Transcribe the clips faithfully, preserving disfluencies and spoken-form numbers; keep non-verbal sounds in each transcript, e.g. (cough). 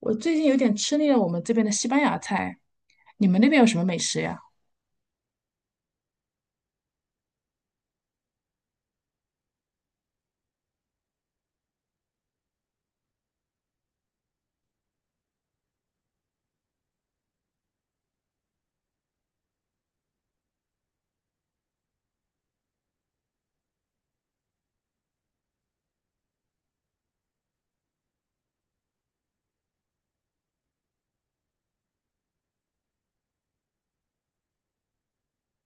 我最近有点吃腻了我们这边的西班牙菜，你们那边有什么美食呀？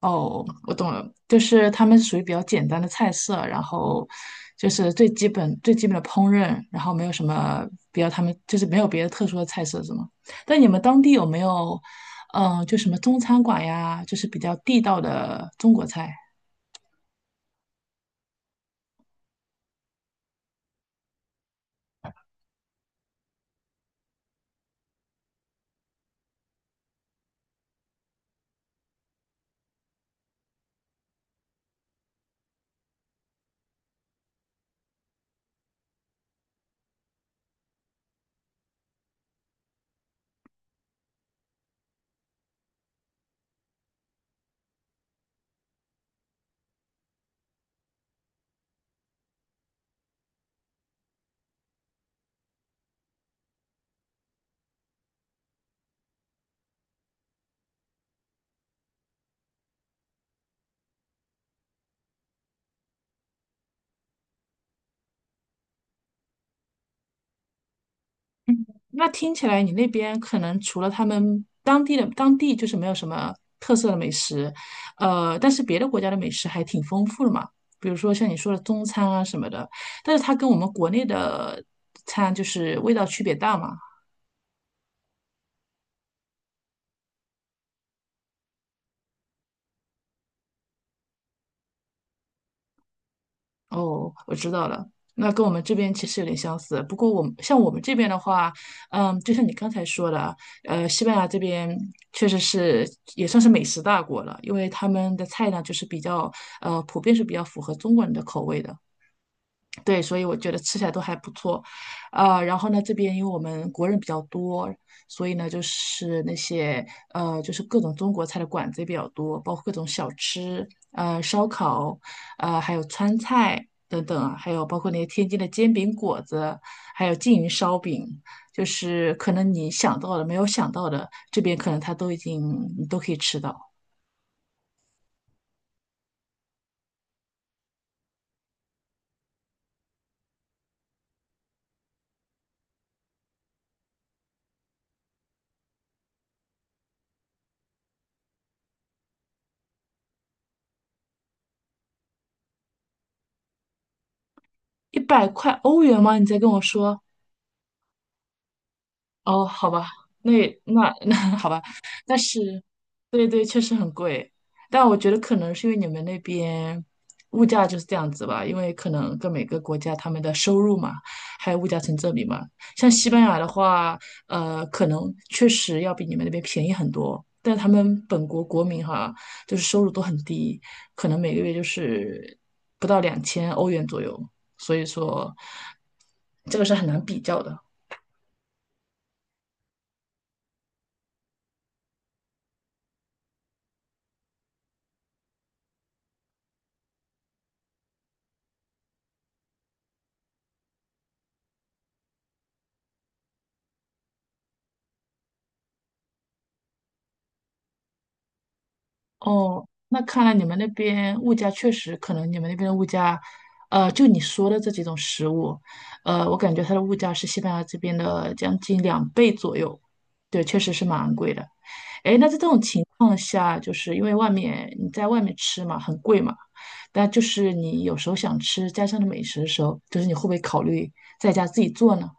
哦，我懂了，就是他们是属于比较简单的菜色，然后就是最基本最基本的烹饪，然后没有什么比较他们就是没有别的特殊的菜色，是吗？但你们当地有没有，嗯、就什么中餐馆呀，就是比较地道的中国菜？那听起来你那边可能除了他们当地的当地就是没有什么特色的美食，呃，但是别的国家的美食还挺丰富的嘛，比如说像你说的中餐啊什么的，但是它跟我们国内的餐就是味道区别大嘛。哦，我知道了。那跟我们这边其实有点相似，不过我们像我们这边的话，嗯，就像你刚才说的，呃，西班牙这边确实是也算是美食大国了，因为他们的菜呢就是比较呃普遍是比较符合中国人的口味的。对，所以我觉得吃起来都还不错，呃，然后呢，这边因为我们国人比较多，所以呢，就是那些呃，就是各种中国菜的馆子也比较多，包括各种小吃，呃，烧烤，呃，还有川菜等等啊，还有包括那些天津的煎饼果子，还有缙云烧饼，就是可能你想到的、没有想到的，这边可能它都已经你都可以吃到。一百块欧元吗？你在跟我说？哦，好吧，那那 (laughs) 那好吧，但是，对对，确实很贵，但我觉得可能是因为你们那边物价就是这样子吧，因为可能跟每个国家他们的收入嘛，还有物价成正比嘛。像西班牙的话，呃，可能确实要比你们那边便宜很多，但他们本国国民哈，就是收入都很低，可能每个月就是不到两千欧元左右，所以说这个是很难比较的。哦，那看来你们那边物价确实可能你们那边的物价，呃，就你说的这几种食物，呃，我感觉它的物价是西班牙这边的将近两倍左右，对，确实是蛮昂贵的。诶，那在这种情况下，就是因为外面你在外面吃嘛，很贵嘛，但就是你有时候想吃家乡的美食的时候，就是你会不会考虑在家自己做呢？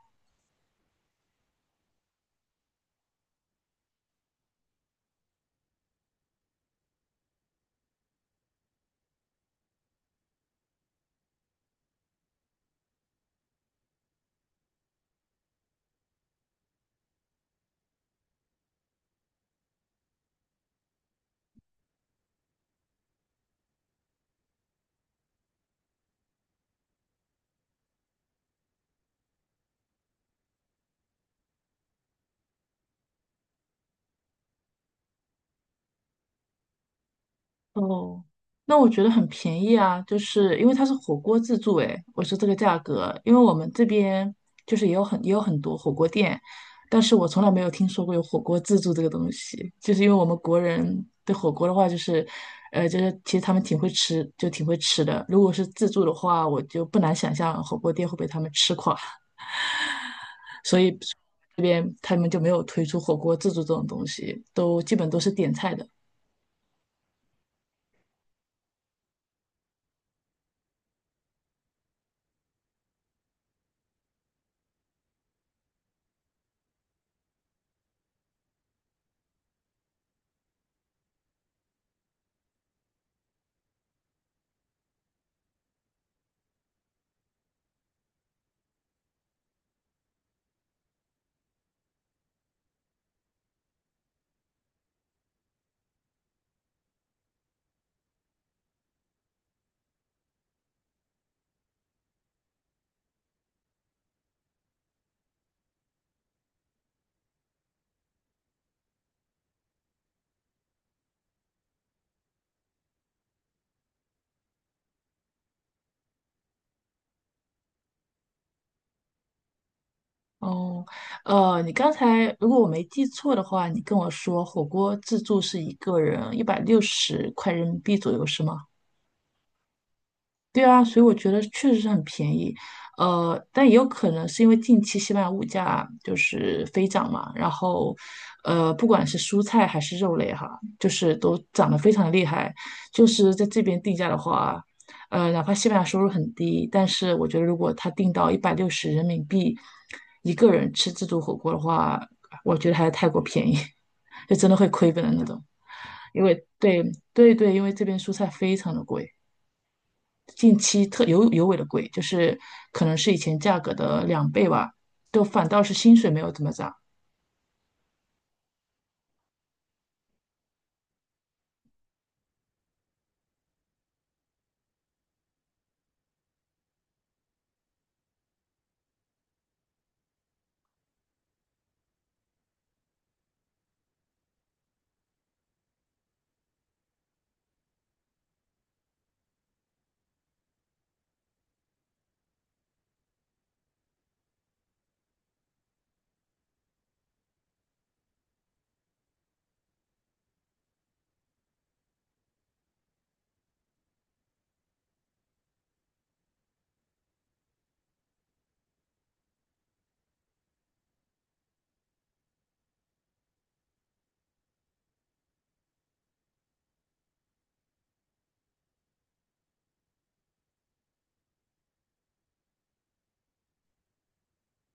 哦，那我觉得很便宜啊，就是因为它是火锅自助，诶，我说这个价格，因为我们这边就是也有很也有很多火锅店，但是我从来没有听说过有火锅自助这个东西，就是因为我们国人对火锅的话，就是，呃，就是其实他们挺会吃，就挺会吃的。如果是自助的话，我就不难想象火锅店会被他们吃垮，所以这边他们就没有推出火锅自助这种东西，都基本都是点菜的。哦，呃，你刚才如果我没记错的话，你跟我说火锅自助是一个人一百六十块人民币左右，是吗？对啊，所以我觉得确实是很便宜，呃，但也有可能是因为近期西班牙物价就是飞涨嘛，然后，呃，不管是蔬菜还是肉类哈，就是都涨得非常的厉害。就是在这边定价的话，呃，哪怕西班牙收入很低，但是我觉得如果他定到一百六十人民币一个人吃自助火锅的话，我觉得还是太过便宜，(laughs) 就真的会亏本的那种。因为对对对，因为这边蔬菜非常的贵。近期特尤尤为的贵，就是可能是以前价格的两倍吧，就反倒是薪水没有怎么涨。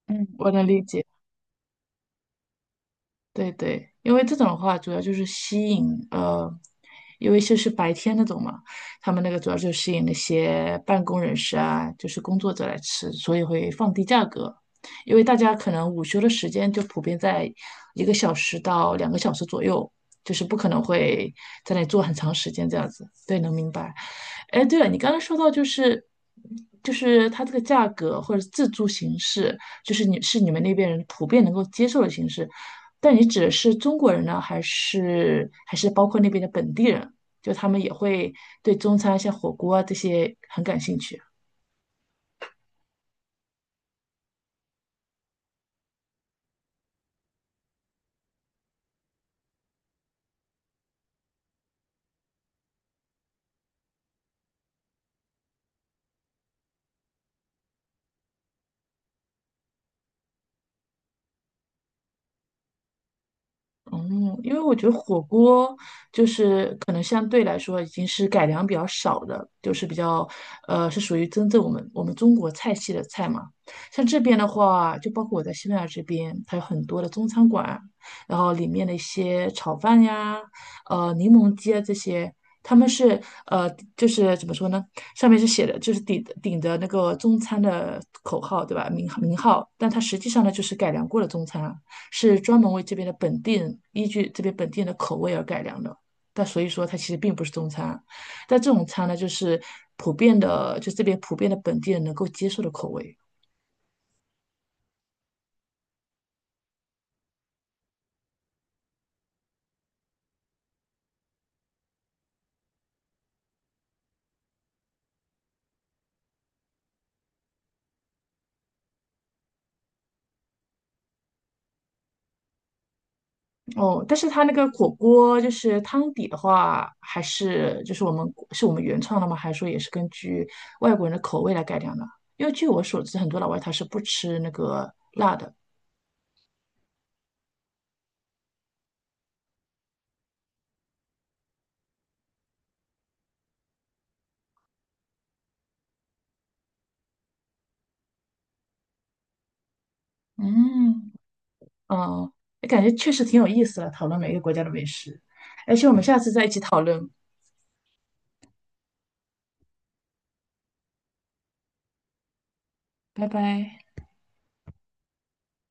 嗯，我能理解。对对，因为这种的话，主要就是吸引呃，因为就是白天那种嘛，他们那个主要就吸引那些办公人士啊，就是工作者来吃，所以会放低价格。因为大家可能午休的时间就普遍在一个小时到两个小时左右，就是不可能会在那里坐很长时间这样子。对，能明白。哎，对了，你刚刚说到就是就是它这个价格或者是自助形式。就是你是你们那边人普遍能够接受的形式。但你指的是中国人呢，还是还是包括那边的本地人？就他们也会对中餐啊，像火锅啊这些很感兴趣。嗯，因为我觉得火锅就是可能相对来说已经是改良比较少的，就是比较呃是属于真正我们我们中国菜系的菜嘛。像这边的话，就包括我在西班牙这边，它有很多的中餐馆，然后里面的一些炒饭呀、呃柠檬鸡啊这些，他们是呃就是怎么说呢？上面是写的就是顶顶着那个中餐的口号对吧？名名号，但它实际上呢就是改良过的中餐。是专门为这边的本地人依据这边本地人的口味而改良的。但所以说它其实并不是中餐，但这种餐呢，就是普遍的，就这边普遍的本地人能够接受的口味哦。但是它那个火锅就是汤底的话，还是就是我们是我们原创的吗？还是说也是根据外国人的口味来改良的？因为据我所知，很多老外他是不吃那个辣的。嗯，嗯，感觉确实挺有意思的，讨论每个国家的美食。而且我们下次再一起讨论拜拜。